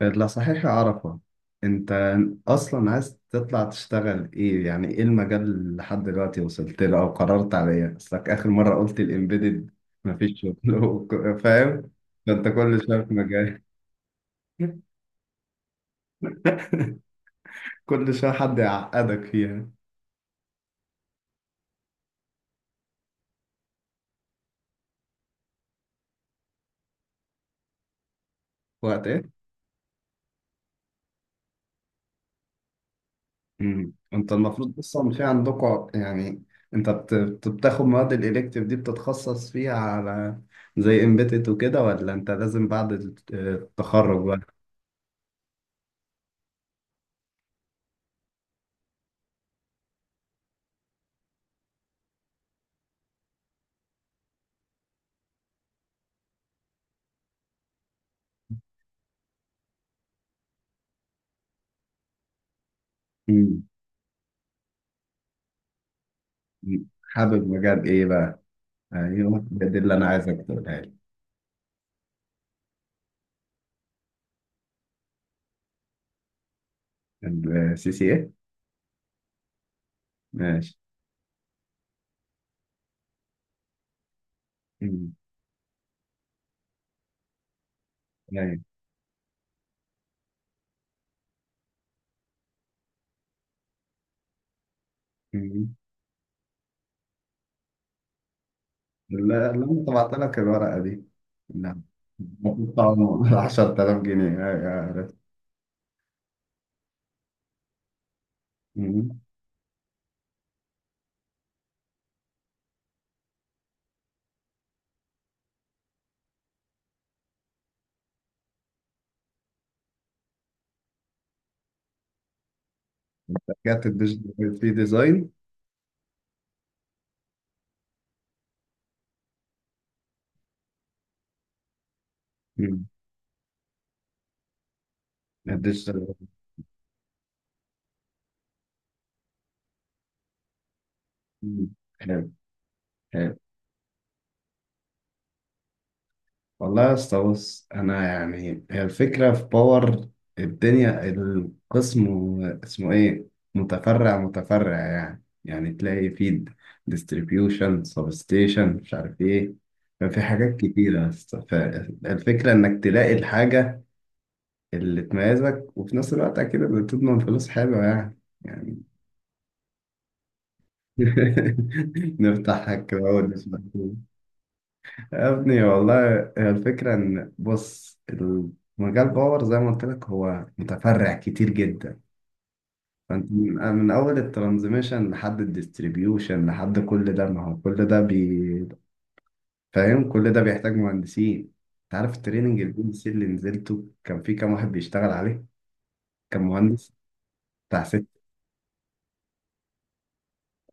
لا، صحيح يا عرفة. انت اصلا عايز تطلع تشتغل ايه؟ يعني ايه المجال اللي لحد دلوقتي وصلت له او قررت عليه؟ اصلك اخر مرة قلت الامبيدد مفيش شغل. فاهم. ده انت كل شوية في مجال. كل شوية حد يعقدك فيها. وقت ايه؟ انت المفروض اصلا في عندكم، يعني انت بتاخد مواد الالكتيف دي بتتخصص فيها على، زي امبيدد وكده، ولا انت لازم بعد التخرج؟ بقى حابب مجال ايه بقى؟ ايوه بجد، اللي انا عايزك تقولها لي. السي سي ايه؟ ماشي. مم. ايوه. مم. لا. لا انا طبعت لك الورقه دي. لا، المفروض طبعا 10,000 جنيه. ايوه عرفت. مم. رجعت الديجيتال في ديزاين؟ مم. الديجيتال. مم. حلو. حلو. والله يا اسطى، بص انا يعني هي الفكره في باور، الدنيا القسم اسمه ايه، متفرع متفرع، يعني تلاقي في ديستريبيوشن، سب ستيشن، مش عارف ايه. ففي حاجات كتيره يا اسطى، فالفكره انك تلاقي الحاجه اللي تميزك، وفي نفس الوقت اكيد اللي تضمن فلوس حلوه يعني. يعني نفتحها كده أول اسبوع. يا ابني والله هي الفكرة، إن بص المجال باور زي ما قلت لك هو متفرع كتير جدا. فأنت من أول الترانزميشن لحد الديستريبيوشن لحد كل ده، ما هو كل ده بي، فاهم، كل ده بيحتاج مهندسين. أنت عارف التريننج البي ال سي اللي نزلته كان في كام واحد بيشتغل عليه؟ كان مهندس بتاع ست،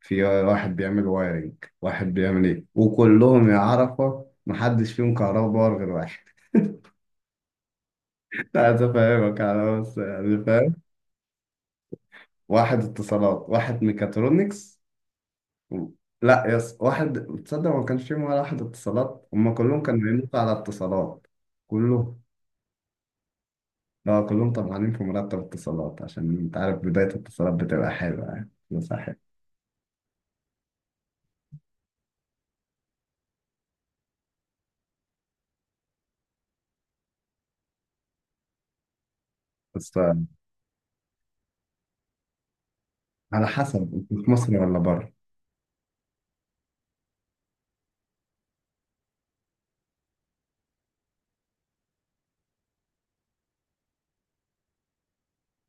في واحد بيعمل وايرنج، واحد بيعمل إيه، وكلهم يا عرفة محدش فيهم كهرباء باور غير واحد. لا أفهمك أنا بس، يعني فاهم. واحد اتصالات، واحد ميكاترونكس، و- لا يس واحد. تصدق ما كانش فيهم ولا واحد اتصالات، هما كلهم كانوا بيموتوا على اتصالات. كلهم. لا كلهم طبعا في مرتب اتصالات، عشان انت عارف بداية الاتصالات بتبقى حلوة يعني، بس حلوة. بس على حسب انت في مصر ولا بره.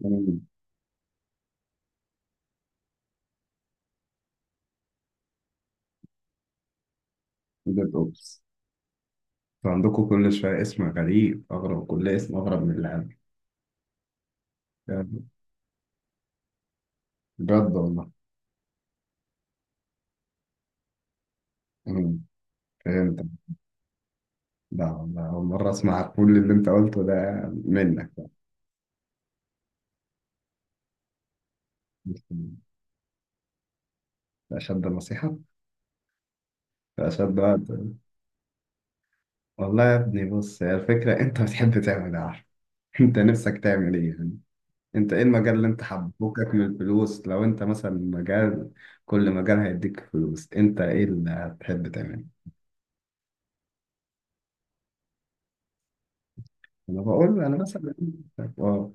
مم. ديت اوبس؟ انتوا عندكم كل شوية اسم غريب، أغرب كل اسم أغرب من اللي عندي. يعني بجد والله. مم. فهمت. لا والله أول مرة أسمع كل اللي أنت قلته ده منك. أشد نصيحة؟ أشد وعد. والله يا ابني بص، هي الفكرة أنت بتحب تعمل إيه، عارف؟ أنت نفسك تعمل إيه يعني؟ أنت إيه المجال اللي أنت حبوكك من الفلوس؟ لو أنت مثلا مجال، كل مجال هيديك فلوس، أنت إيه اللي هتحب تعمله؟ أنا بقول أنا مثلا آه.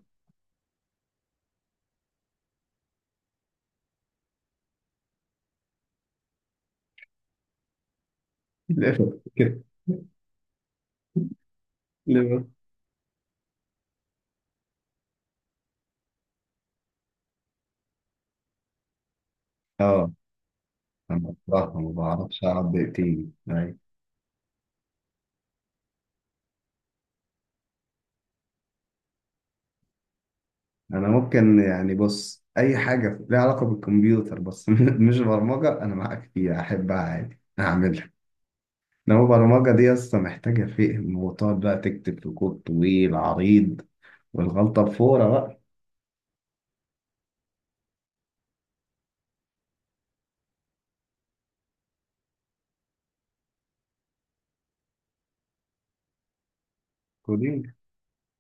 ليه كده؟ ليه؟ آه. أنا بصراحة ما بعرفش أقعد دقيقتين أيوة. أنا ممكن يعني، بص أي حاجة ليها علاقة بالكمبيوتر بس مش برمجة، أنا معاك فيها، أحبها عادي أعملها. إنما البرمجة دي أصلا محتاجة فهم، وتقعد بقى تكتب في كود طويل عريض، والغلطة بفورة بقى. كودينج.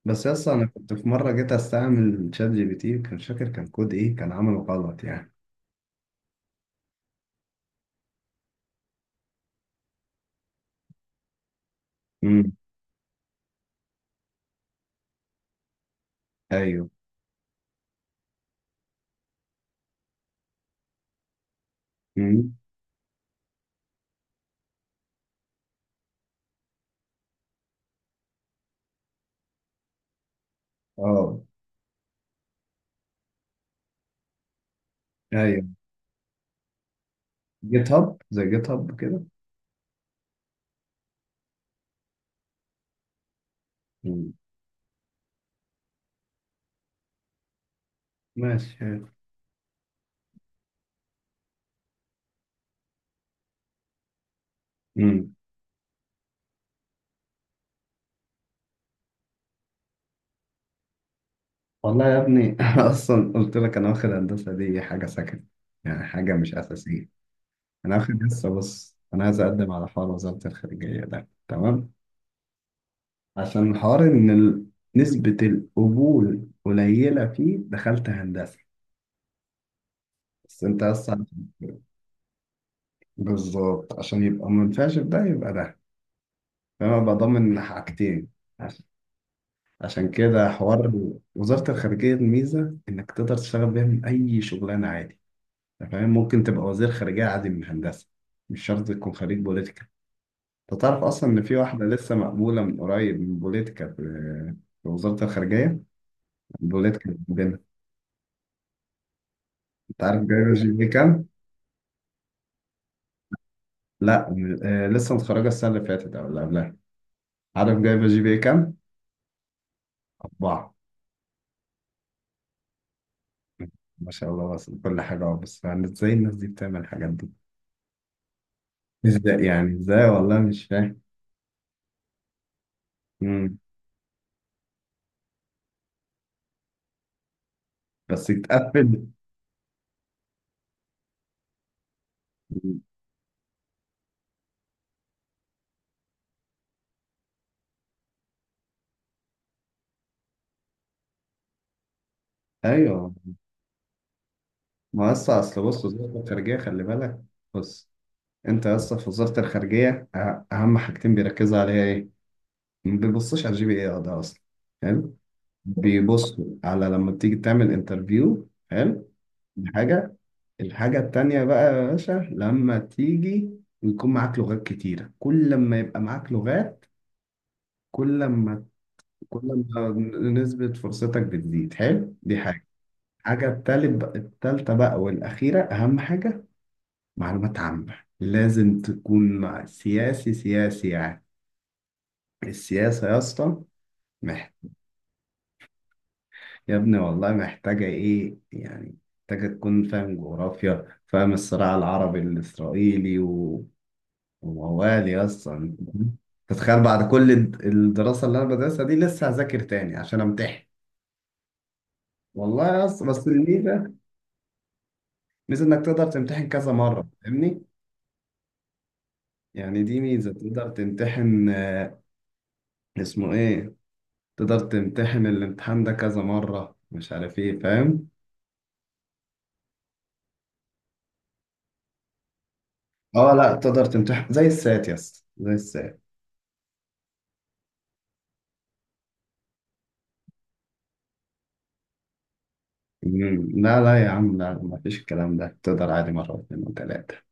بس أصلا أنا كنت في مرة جيت أستعمل شات جي بي تي، كان فاكر، كان كود إيه، كان عمله غلط يعني. امم. أيوه. امم. أه. أيوه. جيت هاب، زي جيت هاب كده. مم. ماشي. امم. والله يا ابني أنا أصلا قلت لك، أنا واخد هندسة دي حاجة سكن، يعني حاجة مش أساسية. أنا واخد لسه، بص أنا عايز أقدم على حوار وزارة الخارجية ده، تمام؟ عشان حوار ان نسبة القبول قليلة فيه، دخلت هندسة. بس انت اصلا. بالظبط، عشان يبقى منفعش في ده يبقى ده، فانا ببقى ضامن حاجتين. عش- عشان كده حوار وزارة الخارجية، الميزة انك تقدر تشتغل بيها من اي شغلانة عادي. أنت فاهم، ممكن تبقى وزير خارجية عادي من هندسة، مش شرط تكون خريج بوليتيكا. انت تعرف اصلا ان في واحدة لسه مقبولة من قريب من بوليتيكا، في في وزارة الخارجية. بوليتيكا عندنا. انت عارف جايبة جي بي كام؟ لا آه لسه متخرجة السنة اللي فاتت أو اللي قبلها. عارف جايبة جي بي إيه كام؟ أربعة. ما شاء الله، بس كل حاجة أهو، بس يعني إزاي الناس دي بتعمل الحاجات دي؟ إزاي يعني، إزاي والله مش فاهم. مم. بس يتقفل. أيوه، ما هسه أصل بص وزارة الخارجية خلي بالك. بص أنت هسه في وزارة الخارجية، أهم حاجتين بيركزوا عليها إيه؟ ما بيبصوش على الجي بي إيه، أه ده أصلا، حلو؟ بيبصوا على لما تيجي تعمل انترفيو، حلو، حاجة. الحاجة التانية بقى يا باشا، لما تيجي ويكون معاك لغات كتيرة، كل ما يبقى معاك لغات، كل ما كل ما نسبة فرصتك بتزيد. حلو، دي حاجة. حاجة التالتة بقى والأخيرة، أهم حاجة معلومات عامة، لازم تكون مع سياسي، سياسي يعني، السياسة يا اسطى. محت... يا ابني والله محتاجة إيه يعني؟ محتاجة تكون فاهم جغرافيا، فاهم الصراع العربي الإسرائيلي، موال يا اسطى، تتخيل بعد كل الدراسة اللي انا بدرسها دي لسه هذاكر تاني عشان امتحن؟ والله يا اسطى بس الميزة، ميزة انك تقدر تمتحن كذا مرة، فاهمني؟ يعني دي ميزة، تقدر تمتحن آه، اسمه ايه، تقدر تمتحن الامتحان ده كذا مرة، مش عارف ايه، فاهم. اه لا، تقدر تمتحن زي السات يا اسطى، زي السات. مم. لا لا يا عم لا، مفيش الكلام ده، تقدر عادي مرة واثنين وثلاثة